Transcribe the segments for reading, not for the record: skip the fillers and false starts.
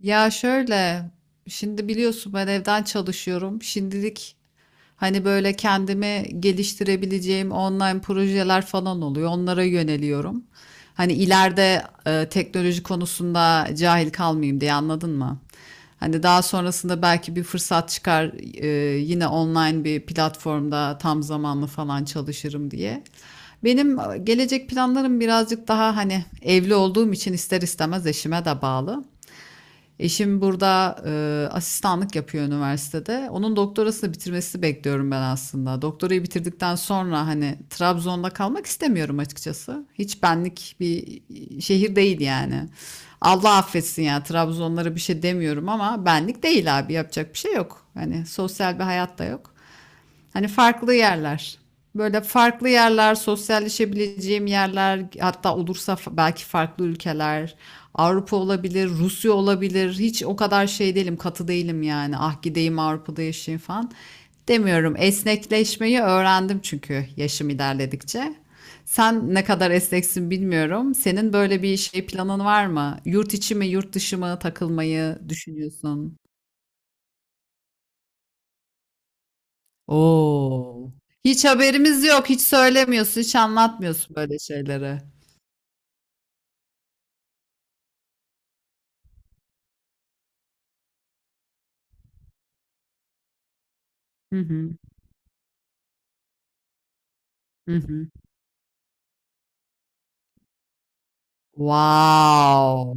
Ya şöyle, şimdi biliyorsun ben evden çalışıyorum. Şimdilik hani böyle kendimi geliştirebileceğim online projeler falan oluyor. Onlara yöneliyorum. Hani ileride teknoloji konusunda cahil kalmayayım diye anladın mı? Hani daha sonrasında belki bir fırsat çıkar, e, yine online bir platformda tam zamanlı falan çalışırım diye. Benim gelecek planlarım birazcık daha hani evli olduğum için ister istemez eşime de bağlı. Eşim burada asistanlık yapıyor üniversitede. Onun doktorasını bitirmesini bekliyorum ben aslında. Doktorayı bitirdikten sonra hani Trabzon'da kalmak istemiyorum açıkçası. Hiç benlik bir şehir değil yani. Allah affetsin ya Trabzonlara bir şey demiyorum ama benlik değil abi yapacak bir şey yok. Hani sosyal bir hayat da yok. Hani farklı yerler. Böyle farklı yerler, sosyalleşebileceğim yerler, hatta olursa belki farklı ülkeler. Avrupa olabilir, Rusya olabilir. Hiç o kadar şey değilim, katı değilim yani. Ah gideyim Avrupa'da yaşayayım falan demiyorum. Esnekleşmeyi öğrendim çünkü yaşım ilerledikçe. Sen ne kadar esneksin bilmiyorum. Senin böyle bir şey planın var mı? Yurt içi mi, yurt dışı mı takılmayı düşünüyorsun? Oo. Hiç haberimiz yok. Hiç söylemiyorsun, hiç anlatmıyorsun böyle şeyleri. Hı hı. Hı hı. Wow.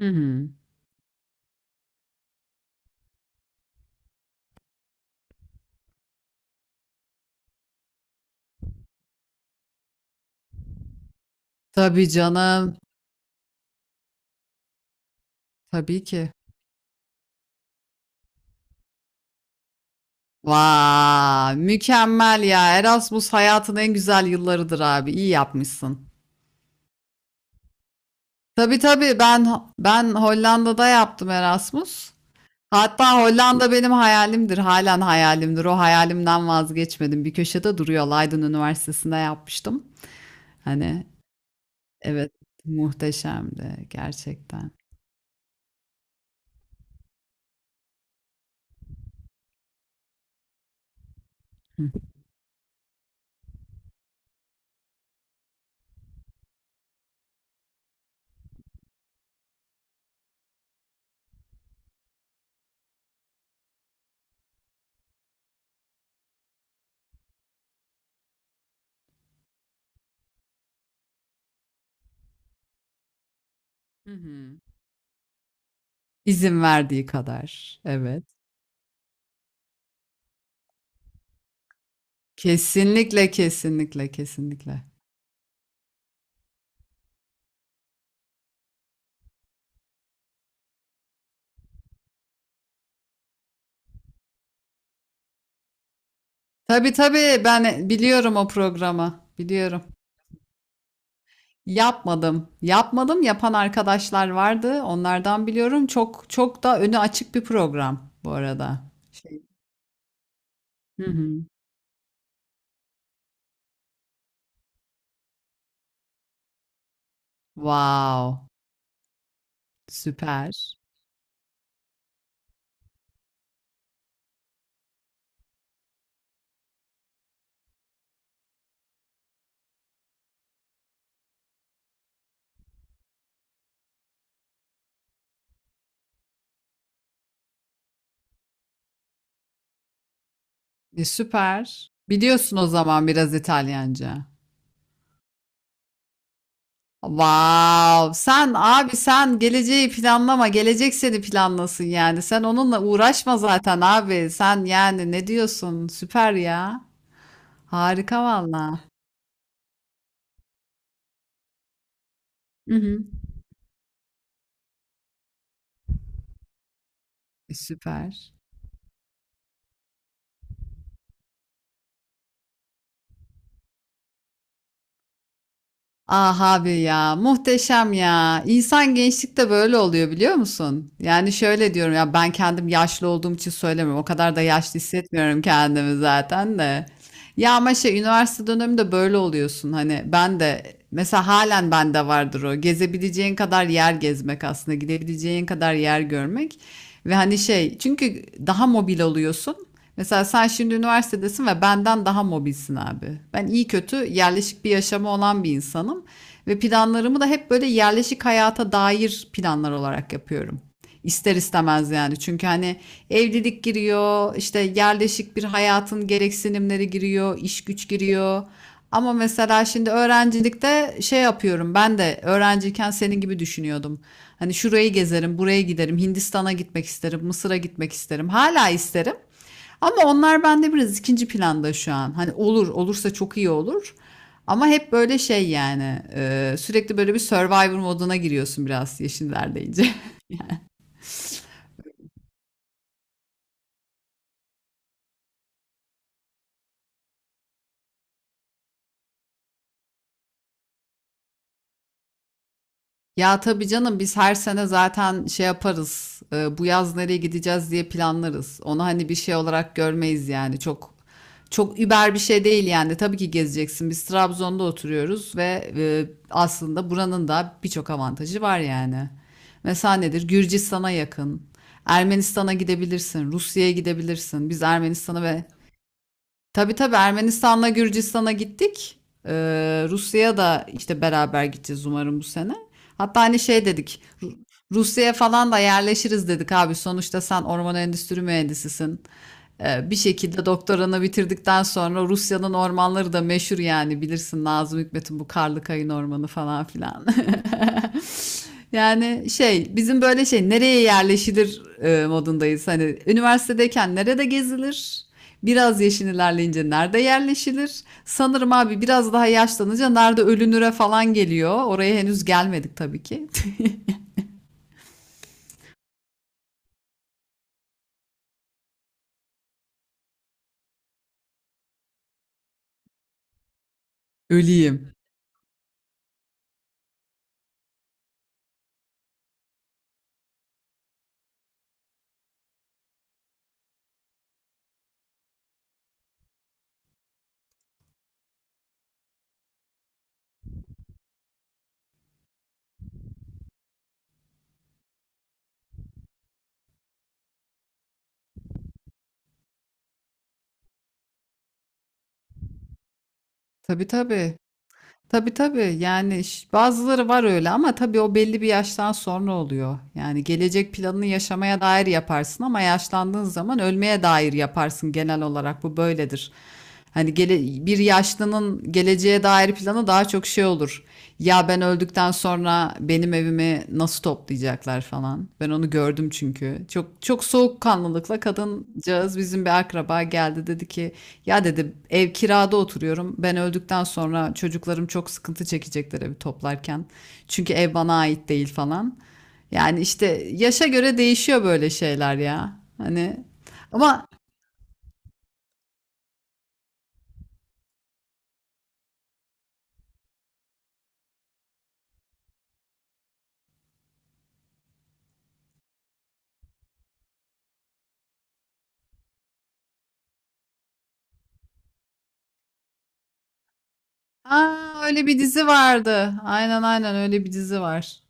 Hı hı. Tabii canım. Tabii ki. Vay, mükemmel ya. Erasmus hayatın en güzel yıllarıdır abi. İyi yapmışsın. Tabii tabii ben Hollanda'da yaptım Erasmus. Hatta Hollanda benim hayalimdir. Halen hayalimdir. O hayalimden vazgeçmedim. Bir köşede duruyor. Leiden Üniversitesi'nde yapmıştım. Hani evet, muhteşemdi gerçekten. Hı. Hı hı. İzin verdiği kadar. Evet. Kesinlikle, kesinlikle, kesinlikle. Tabii tabii ben biliyorum o programı. Biliyorum. Yapmadım. Yapmadım. Yapan arkadaşlar vardı. Onlardan biliyorum. Çok çok da önü açık bir program bu arada. Şey. Hı hı. Wow. Süper. E, süper. Biliyorsun o zaman biraz İtalyanca. Vav. Sen abi sen geleceği planlama. Gelecek seni planlasın yani. Sen onunla uğraşma zaten abi. Sen yani ne diyorsun? Süper ya. Harika valla. Hı hı. E, süper. Ah abi ya muhteşem ya. İnsan gençlikte böyle oluyor biliyor musun? Yani şöyle diyorum ya ben kendim yaşlı olduğum için söylemiyorum. O kadar da yaşlı hissetmiyorum kendimi zaten de. Ya ama şey üniversite döneminde böyle oluyorsun. Hani ben de mesela halen bende vardır o. Gezebileceğin kadar yer gezmek aslında. Gidebileceğin kadar yer görmek. Ve hani şey çünkü daha mobil oluyorsun. Mesela sen şimdi üniversitedesin ve benden daha mobilsin abi. Ben iyi kötü yerleşik bir yaşamı olan bir insanım ve planlarımı da hep böyle yerleşik hayata dair planlar olarak yapıyorum. İster istemez yani. Çünkü hani evlilik giriyor, işte yerleşik bir hayatın gereksinimleri giriyor, iş güç giriyor. Ama mesela şimdi öğrencilikte şey yapıyorum. Ben de öğrenciyken senin gibi düşünüyordum. Hani şurayı gezerim, buraya giderim, Hindistan'a gitmek isterim, Mısır'a gitmek isterim. Hala isterim. Ama onlar bende biraz ikinci planda şu an. Hani olur, olursa çok iyi olur. Ama hep böyle şey yani, sürekli böyle bir Survivor moduna giriyorsun biraz yeşillerdeyince. Ya tabii canım biz her sene zaten şey yaparız. Bu yaz nereye gideceğiz diye planlarız. Onu hani bir şey olarak görmeyiz yani. Çok çok über bir şey değil yani. Tabii ki gezeceksin. Biz Trabzon'da oturuyoruz ve aslında buranın da birçok avantajı var yani. Mesela nedir? Gürcistan'a yakın. Ermenistan'a gidebilirsin, Rusya'ya gidebilirsin. Biz Ermenistan'a ve tabii tabii Ermenistan'la Gürcistan'a gittik. Rusya'ya da işte beraber gideceğiz umarım bu sene. Hatta hani şey dedik. Rusya'ya falan da yerleşiriz dedik abi. Sonuçta sen orman endüstri mühendisisin. Bir şekilde doktoranı bitirdikten sonra Rusya'nın ormanları da meşhur yani bilirsin Nazım Hikmet'in bu karlı Karlıkayın ormanı falan filan. Yani şey bizim böyle şey nereye yerleşilir, modundayız. Hani üniversitedeyken nerede gezilir? Biraz yaşın ilerleyince nerede yerleşilir? Sanırım abi biraz daha yaşlanınca nerede ölünüre falan geliyor. Oraya henüz gelmedik tabii ki. Öleyim. Tabii tabii. Tabii tabii yani bazıları var öyle ama tabii o belli bir yaştan sonra oluyor. Yani gelecek planını yaşamaya dair yaparsın ama yaşlandığın zaman ölmeye dair yaparsın genel olarak bu böyledir. Hani gele, bir yaşlının geleceğe dair planı daha çok şey olur. Ya ben öldükten sonra benim evimi nasıl toplayacaklar falan. Ben onu gördüm çünkü. Çok çok soğukkanlılıkla kadıncağız bizim bir akraba geldi dedi ki ya dedi ev kirada oturuyorum. Ben öldükten sonra çocuklarım çok sıkıntı çekecekler evi toplarken. Çünkü ev bana ait değil falan. Yani işte yaşa göre değişiyor böyle şeyler ya. Hani ama aa, öyle bir dizi vardı. Aynen aynen öyle bir dizi var.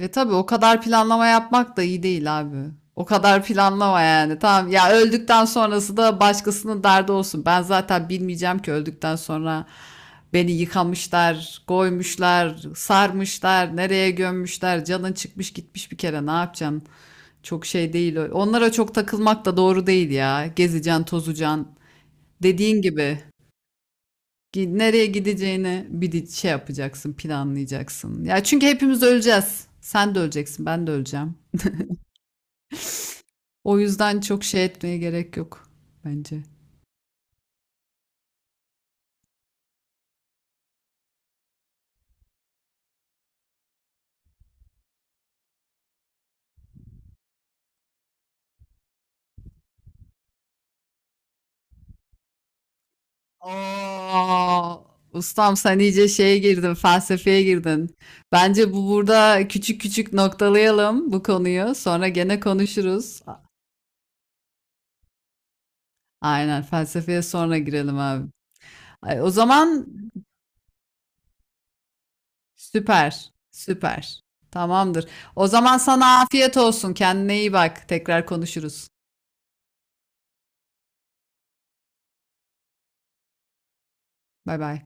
Ve tabii o kadar planlama yapmak da iyi değil abi. O kadar planlama yani. Tamam ya öldükten sonrası da başkasının derdi olsun. Ben zaten bilmeyeceğim ki öldükten sonra beni yıkamışlar, koymuşlar, sarmışlar, nereye gömmüşler. Canın çıkmış gitmiş bir kere ne yapacaksın? Çok şey değil. O. Onlara çok takılmak da doğru değil ya. Gezeceksin, tozacaksın. Dediğin gibi. Nereye gideceğini bir şey yapacaksın, planlayacaksın. Ya çünkü hepimiz öleceğiz. Sen de öleceksin, ben de öleceğim. O yüzden çok şey etmeye gerek yok bence. Aa, ustam sen iyice şeye girdin, felsefeye girdin. Bence bu burada küçük küçük noktalayalım bu konuyu. Sonra gene konuşuruz. Aynen felsefeye sonra girelim abi. Ay, o zaman süper, süper. Tamamdır. O zaman sana afiyet olsun. Kendine iyi bak. Tekrar konuşuruz. Bay bay.